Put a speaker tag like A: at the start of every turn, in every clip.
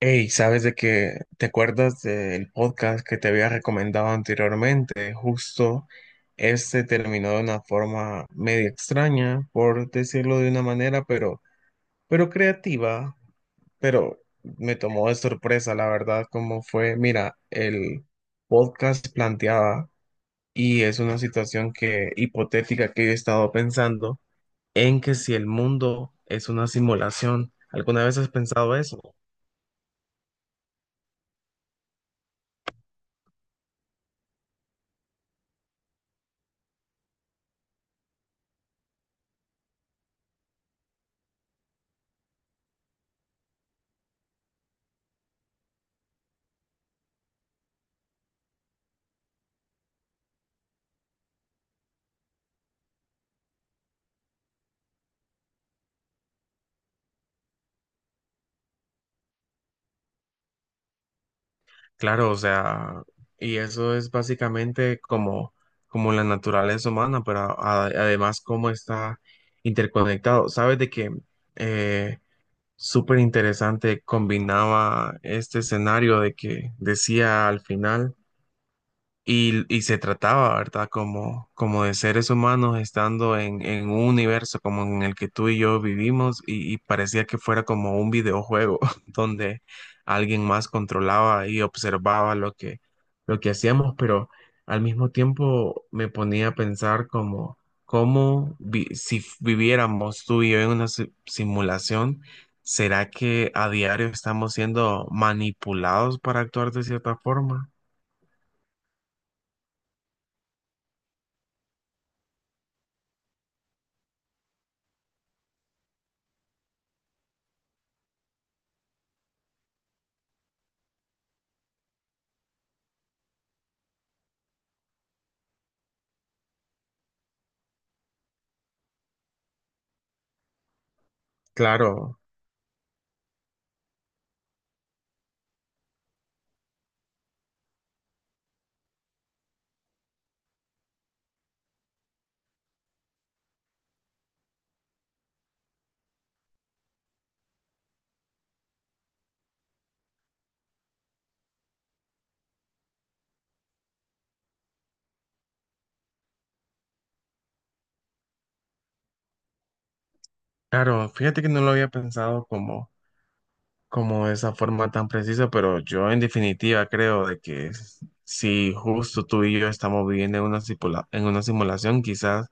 A: Hey, ¿sabes de qué? ¿Te acuerdas del podcast que te había recomendado anteriormente? Justo este terminó de una forma medio extraña, por decirlo de una manera, pero creativa, pero me tomó de sorpresa, la verdad, cómo fue. Mira, el podcast planteaba, y es una situación que hipotética que yo he estado pensando, en que si el mundo es una simulación, ¿alguna vez has pensado eso? Claro, o sea, y eso es básicamente como, como la naturaleza humana, pero además cómo está interconectado. Sabes de que eh, súper interesante combinaba este escenario de que decía al final. Y se trataba, ¿verdad? Como, como de seres humanos estando en un universo como en el que tú y yo vivimos y parecía que fuera como un videojuego donde alguien más controlaba y observaba lo que hacíamos, pero al mismo tiempo me ponía a pensar como, cómo vi- si f- viviéramos tú y yo en una simulación, ¿será que a diario estamos siendo manipulados para actuar de cierta forma? Claro, Claro, fíjate que no lo había pensado como, como de esa forma tan precisa, pero yo en definitiva creo de que si justo tú y yo estamos viviendo en una en una simulación, quizás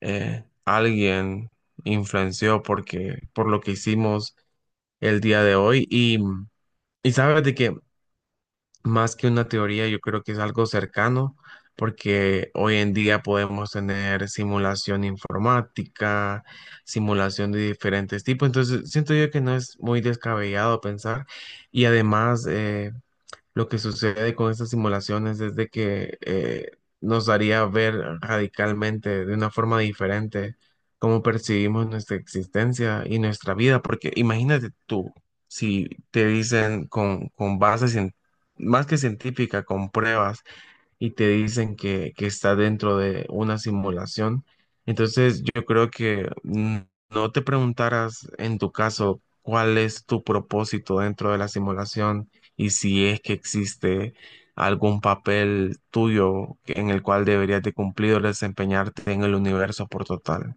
A: alguien influenció porque, por lo que hicimos el día de hoy. Y sabes de que más que una teoría, yo creo que es algo cercano, porque hoy en día podemos tener simulación informática, simulación de diferentes tipos, entonces siento yo que no es muy descabellado pensar y además lo que sucede con estas simulaciones es de que nos daría ver radicalmente, de una forma diferente, cómo percibimos nuestra existencia y nuestra vida. Porque imagínate tú, si te dicen con bases, más que científica, con pruebas, y te dicen que está dentro de una simulación. Entonces, yo creo que no te preguntaras en tu caso cuál es tu propósito dentro de la simulación y si es que existe algún papel tuyo en el cual deberías de cumplir o desempeñarte en el universo por total.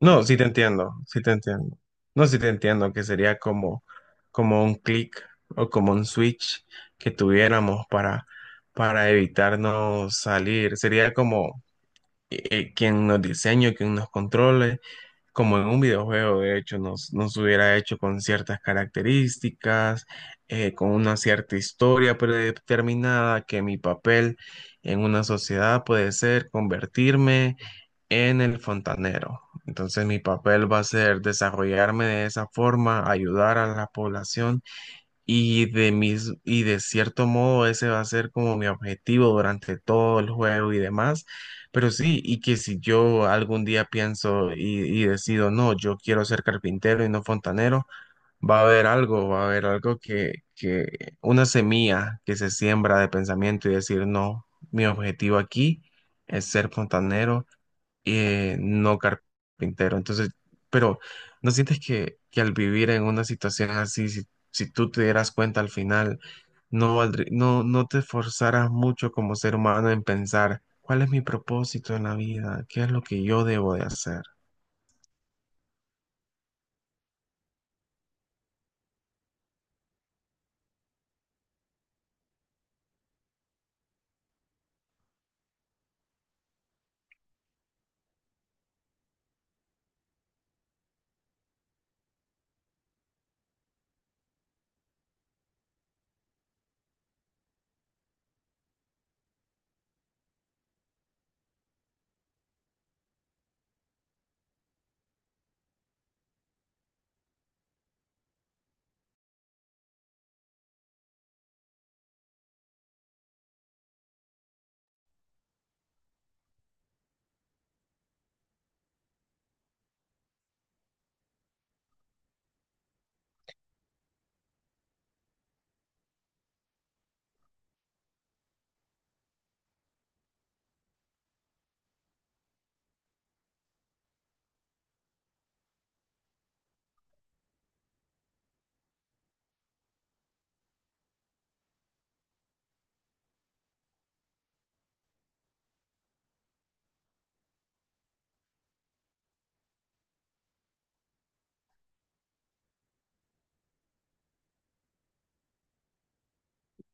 A: No, sí te entiendo que sería como, como un clic o como un switch que tuviéramos para evitarnos salir. Sería como quien nos diseñe, quien nos controle, como en un videojuego, de hecho, nos hubiera hecho con ciertas características, con una cierta historia predeterminada, que mi papel en una sociedad puede ser convertirme en el fontanero. Entonces mi papel va a ser desarrollarme de esa forma, ayudar a la población y y de cierto modo ese va a ser como mi objetivo durante todo el juego y demás. Pero sí, y que si yo algún día y decido, no, yo quiero ser carpintero y no fontanero, va a haber algo que una semilla que se siembra de pensamiento y decir, no, mi objetivo aquí es ser fontanero no carpintero. Entonces, pero ¿no sientes que al vivir en una situación así, si tú te dieras cuenta al final, no, no te esforzaras mucho como ser humano en pensar cuál es mi propósito en la vida, qué es lo que yo debo de hacer?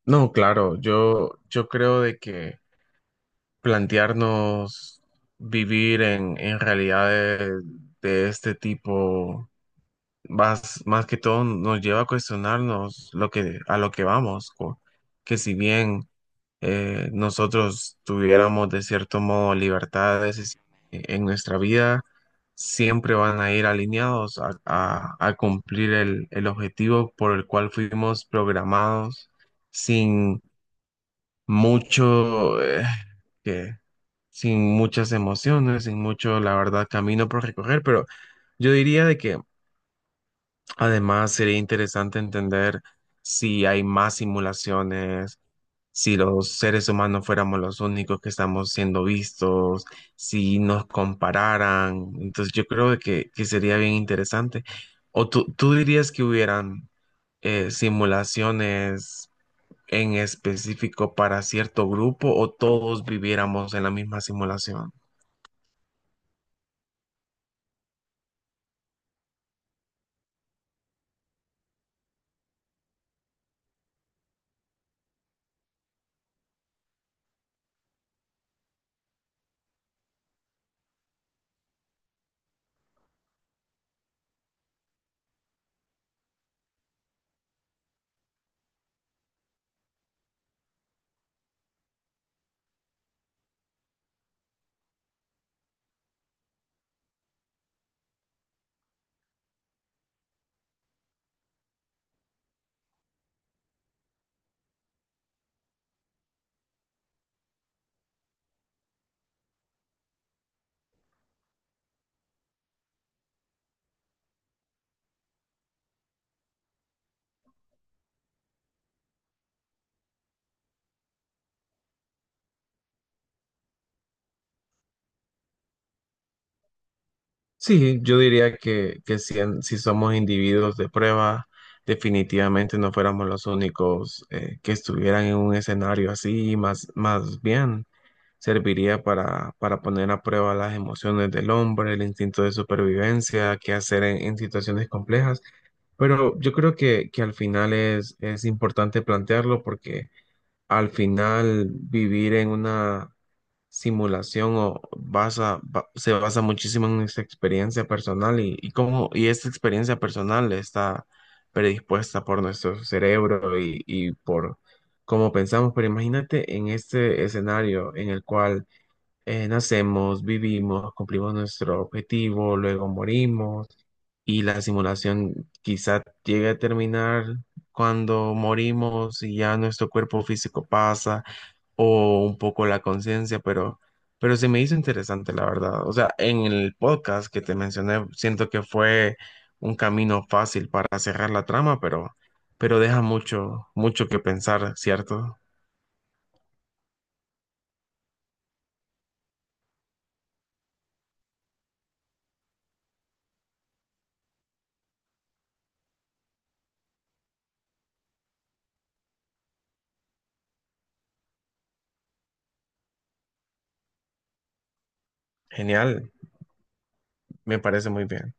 A: No, claro, yo creo de que plantearnos vivir en realidades de este tipo más que todo nos lleva a cuestionarnos a lo que vamos, que si bien nosotros tuviéramos de cierto modo libertades en nuestra vida, siempre van a ir alineados a, a cumplir el objetivo por el cual fuimos programados sin mucho, que, sin muchas emociones, sin mucho, la verdad, camino por recorrer, pero yo diría de que además, sería interesante entender si hay más simulaciones, si los seres humanos fuéramos los únicos que estamos siendo vistos, si nos compararan. Entonces, yo creo que sería bien interesante. ¿O tú dirías que hubieran simulaciones en específico para cierto grupo o todos viviéramos en la misma simulación? Sí, yo diría que si, si somos individuos de prueba, definitivamente no fuéramos los únicos que estuvieran en un escenario así, más bien serviría para poner a prueba las emociones del hombre, el instinto de supervivencia, qué hacer en situaciones complejas. Pero yo creo que al final es importante plantearlo porque al final vivir en una simulación o se basa muchísimo en esa experiencia personal y cómo y esta experiencia personal está predispuesta por nuestro cerebro y por cómo pensamos. Pero imagínate en este escenario en el cual nacemos, vivimos, cumplimos nuestro objetivo, luego morimos y la simulación quizá llegue a terminar cuando morimos y ya nuestro cuerpo físico pasa o un poco la conciencia, pero se me hizo interesante, la verdad. O sea, en el podcast que te mencioné, siento que fue un camino fácil para cerrar la trama, pero deja mucho, mucho que pensar, ¿cierto? Genial, me parece muy bien.